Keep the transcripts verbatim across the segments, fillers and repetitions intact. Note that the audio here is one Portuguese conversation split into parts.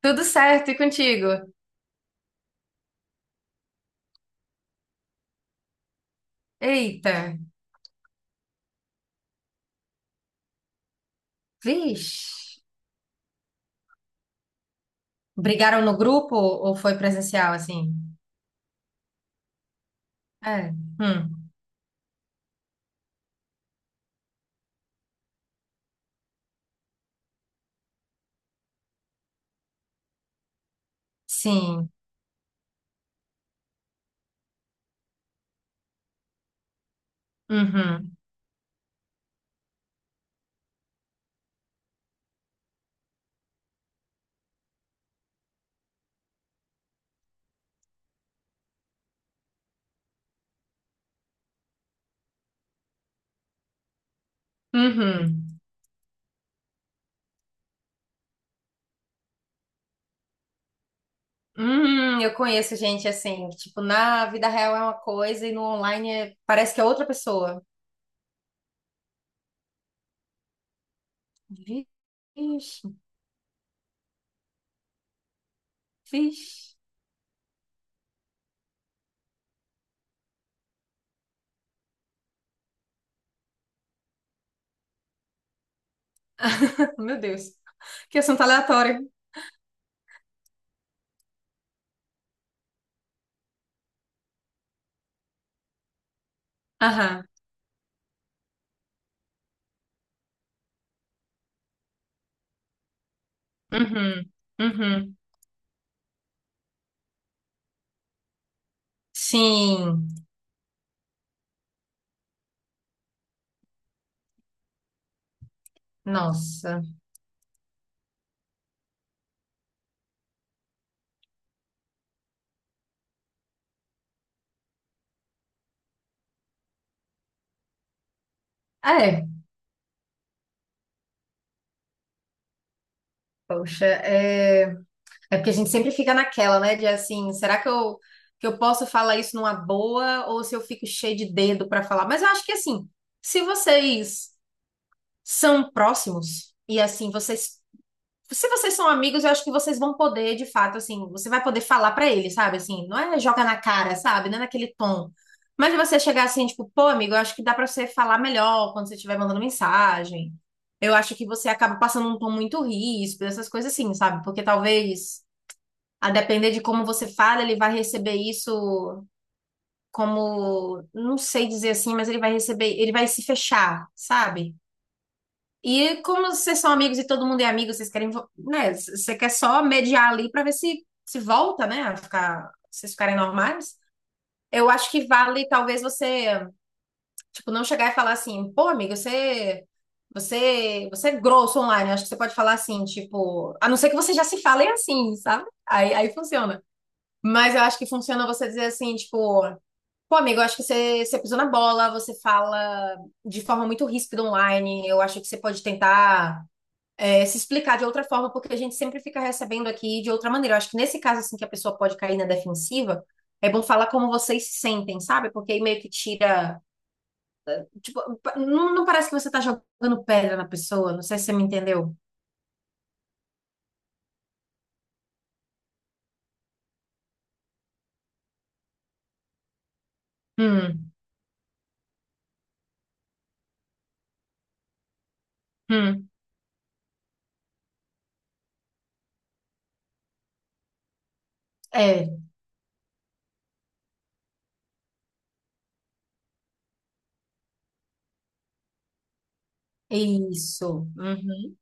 Tudo certo e contigo? Eita, vixe. Brigaram no grupo ou foi presencial assim? É. Hum. Sim. Uhum. Uhum. Hum, eu conheço gente assim, que, tipo, na vida real é uma coisa e no online é- parece que é outra pessoa. Vixe, vixe. Meu Deus. Que assunto aleatório. Aham. Uhum. Uhum. Sim. Nossa. É. Poxa, é. É porque a gente sempre fica naquela, né? De assim, será que eu, que eu posso falar isso numa boa ou se eu fico cheio de dedo para falar? Mas eu acho que assim, se vocês são próximos e assim, vocês, se vocês são amigos, eu acho que vocês vão poder, de fato, assim, você vai poder falar para ele, sabe? Assim, não é joga na cara, sabe? Não é naquele tom. Mas você chegar assim, tipo, pô, amigo, eu acho que dá para você falar melhor quando você estiver mandando mensagem. Eu acho que você acaba passando um tom muito ríspido, essas coisas assim, sabe? Porque talvez a depender de como você fala, ele vai receber isso como, não sei dizer assim, mas ele vai receber, ele vai se fechar, sabe? E como vocês são amigos e todo mundo é amigo, vocês querem, vo- né? c- Você quer só mediar ali pra ver se se volta, né? A ficar, vocês ficarem normais. Eu acho que vale talvez você, tipo, não chegar e falar assim, pô, amigo, você você, você é grosso online. Eu acho que você pode falar assim, tipo, a não ser que vocês já se falem assim, sabe? Aí, aí funciona. Mas eu acho que funciona você dizer assim, tipo, pô, amigo, eu acho que você, você pisou na bola, você fala de forma muito ríspida online. Eu acho que você pode tentar é, se explicar de outra forma, porque a gente sempre fica recebendo aqui de outra maneira. Eu acho que nesse caso, assim, que a pessoa pode cair na defensiva, é bom falar como vocês se sentem, sabe? Porque aí meio que tira. Tipo, não, não parece que você tá jogando pedra na pessoa. Não sei se você me entendeu. Hum, hum, é, é isso. Uhum.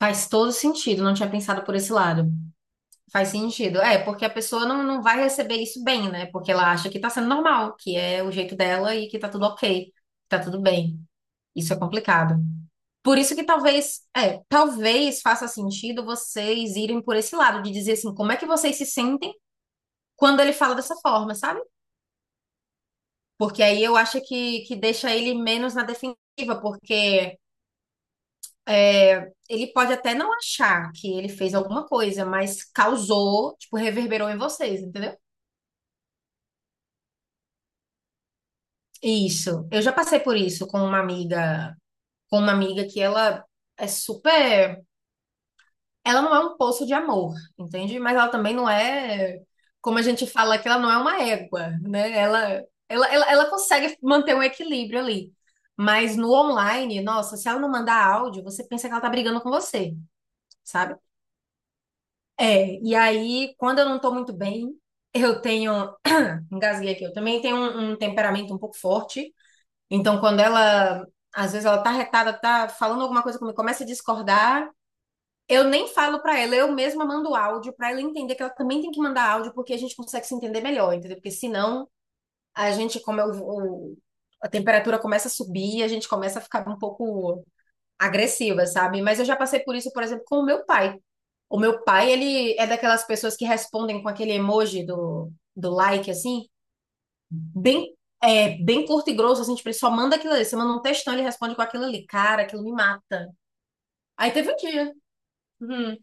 Faz todo sentido, não tinha pensado por esse lado. Faz sentido. É, porque a pessoa não, não vai receber isso bem, né? Porque ela acha que tá sendo normal, que é o jeito dela e que tá tudo ok, que tá tudo bem. Isso é complicado. Por isso que talvez, é, talvez faça sentido vocês irem por esse lado, de dizer assim, como é que vocês se sentem quando ele fala dessa forma, sabe? Porque aí eu acho que, que deixa ele menos na defensiva, porque é, ele pode até não achar que ele fez alguma coisa, mas causou, tipo, reverberou em vocês, entendeu? Isso. Eu já passei por isso com uma amiga, com uma amiga que ela é super, ela não é um poço de amor, entende? Mas ela também não é, como a gente fala que ela não é uma égua, né? Ela, ela, ela, ela consegue manter um equilíbrio ali. Mas no online, nossa, se ela não mandar áudio, você pensa que ela tá brigando com você, sabe? É, e aí, quando eu não tô muito bem, eu tenho, engasguei aqui, eu também tenho um um temperamento um pouco forte. Então, quando ela, às vezes ela tá retada, tá falando alguma coisa comigo, começa a discordar, eu nem falo pra ela, eu mesma mando áudio pra ela entender que ela também tem que mandar áudio, porque a gente consegue se entender melhor, entendeu? Porque senão a gente, como eu, o- a temperatura começa a subir, a gente começa a ficar um pouco agressiva, sabe? Mas eu já passei por isso, por exemplo, com o meu pai. O meu pai, ele é daquelas pessoas que respondem com aquele emoji do, do like, assim bem, é, bem curto e grosso, assim, tipo, ele só manda aquilo ali. Você manda um textão, ele responde com aquilo ali. Cara, aquilo me mata. Aí teve um dia. Uhum.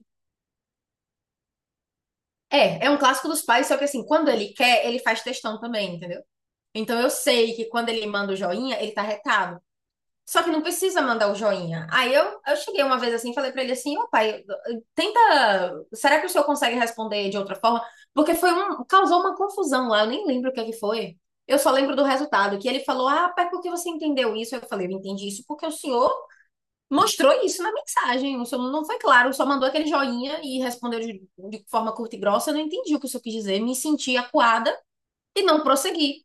É, é um clássico dos pais, só que assim, quando ele quer, ele faz textão também, entendeu? Então eu sei que quando ele manda o joinha, ele tá retado. Só que não precisa mandar o joinha. Aí eu, eu cheguei uma vez assim, e falei pra ele assim, ô pai, tenta, será que o senhor consegue responder de outra forma? Porque foi um, causou uma confusão lá, eu nem lembro o que é que foi. Eu só lembro do resultado, que ele falou, ah, pai, por que você entendeu isso? Eu falei, eu entendi isso porque o senhor mostrou isso na mensagem. O senhor não foi claro, só mandou aquele joinha e respondeu de, de forma curta e grossa. Eu não entendi o que o senhor quis dizer, me senti acuada e não prossegui.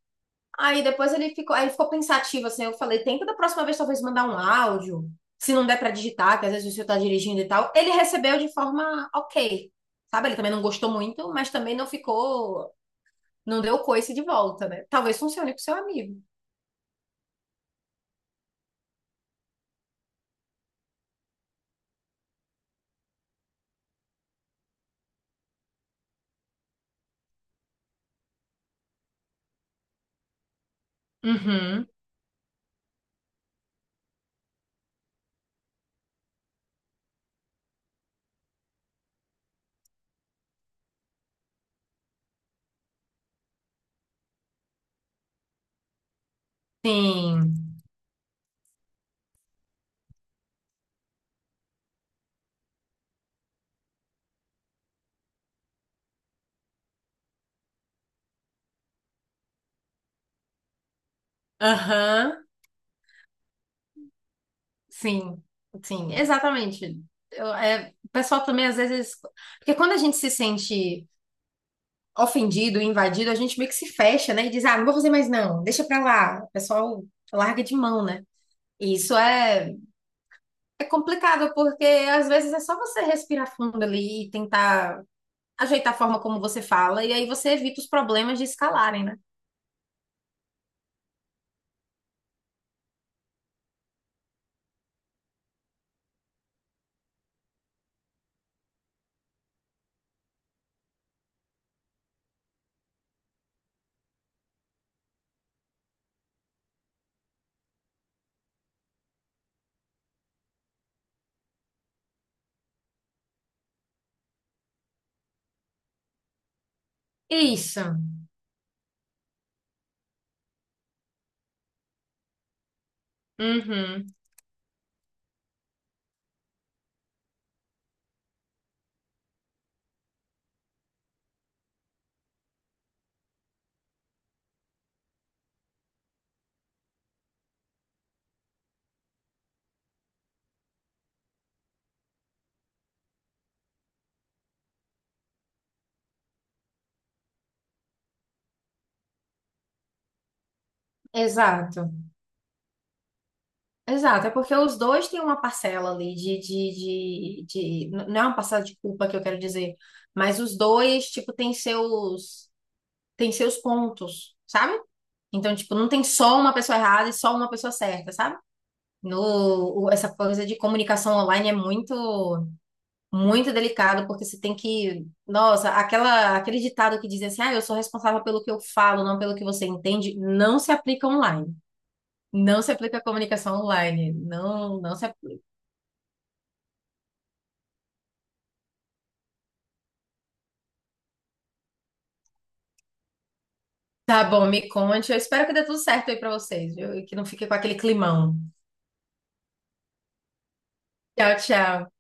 Aí depois ele ficou, aí ele ficou pensativo, assim, eu falei, tenta da próxima vez talvez mandar um áudio, se não der pra digitar, que às vezes o senhor tá dirigindo e tal. Ele recebeu de forma ok, sabe? Ele também não gostou muito, mas também não ficou, não deu coice de volta, né? Talvez funcione pro seu amigo. Uhum. Sim. Aham. Sim. Sim, exatamente. Eu- é, o pessoal também às vezes, porque quando a gente se sente ofendido, invadido, a gente meio que se fecha, né? E diz, ah, não vou fazer mais não, deixa pra lá. O pessoal larga de mão, né? E isso é, é complicado, porque às vezes é só você respirar fundo ali e tentar ajeitar a forma como você fala, e aí você evita os problemas de escalarem, né? Isso, uhum, exato, exato. É porque os dois têm uma parcela ali de, de, de, de- Não é uma parcela de culpa que eu quero dizer, mas os dois, tipo, têm seus, têm seus pontos, sabe? Então, tipo, não tem só uma pessoa errada e só uma pessoa certa, sabe? No, o- essa coisa de comunicação online é muito, muito delicado, porque você tem que, nossa, aquela, aquele ditado que diz assim, ah, eu sou responsável pelo que eu falo, não pelo que você entende, não se aplica online. Não se aplica à comunicação online. Não, não se aplica. Tá bom, me conte. Eu espero que dê tudo certo aí pra vocês, viu? E que não fique com aquele climão. Tchau, tchau.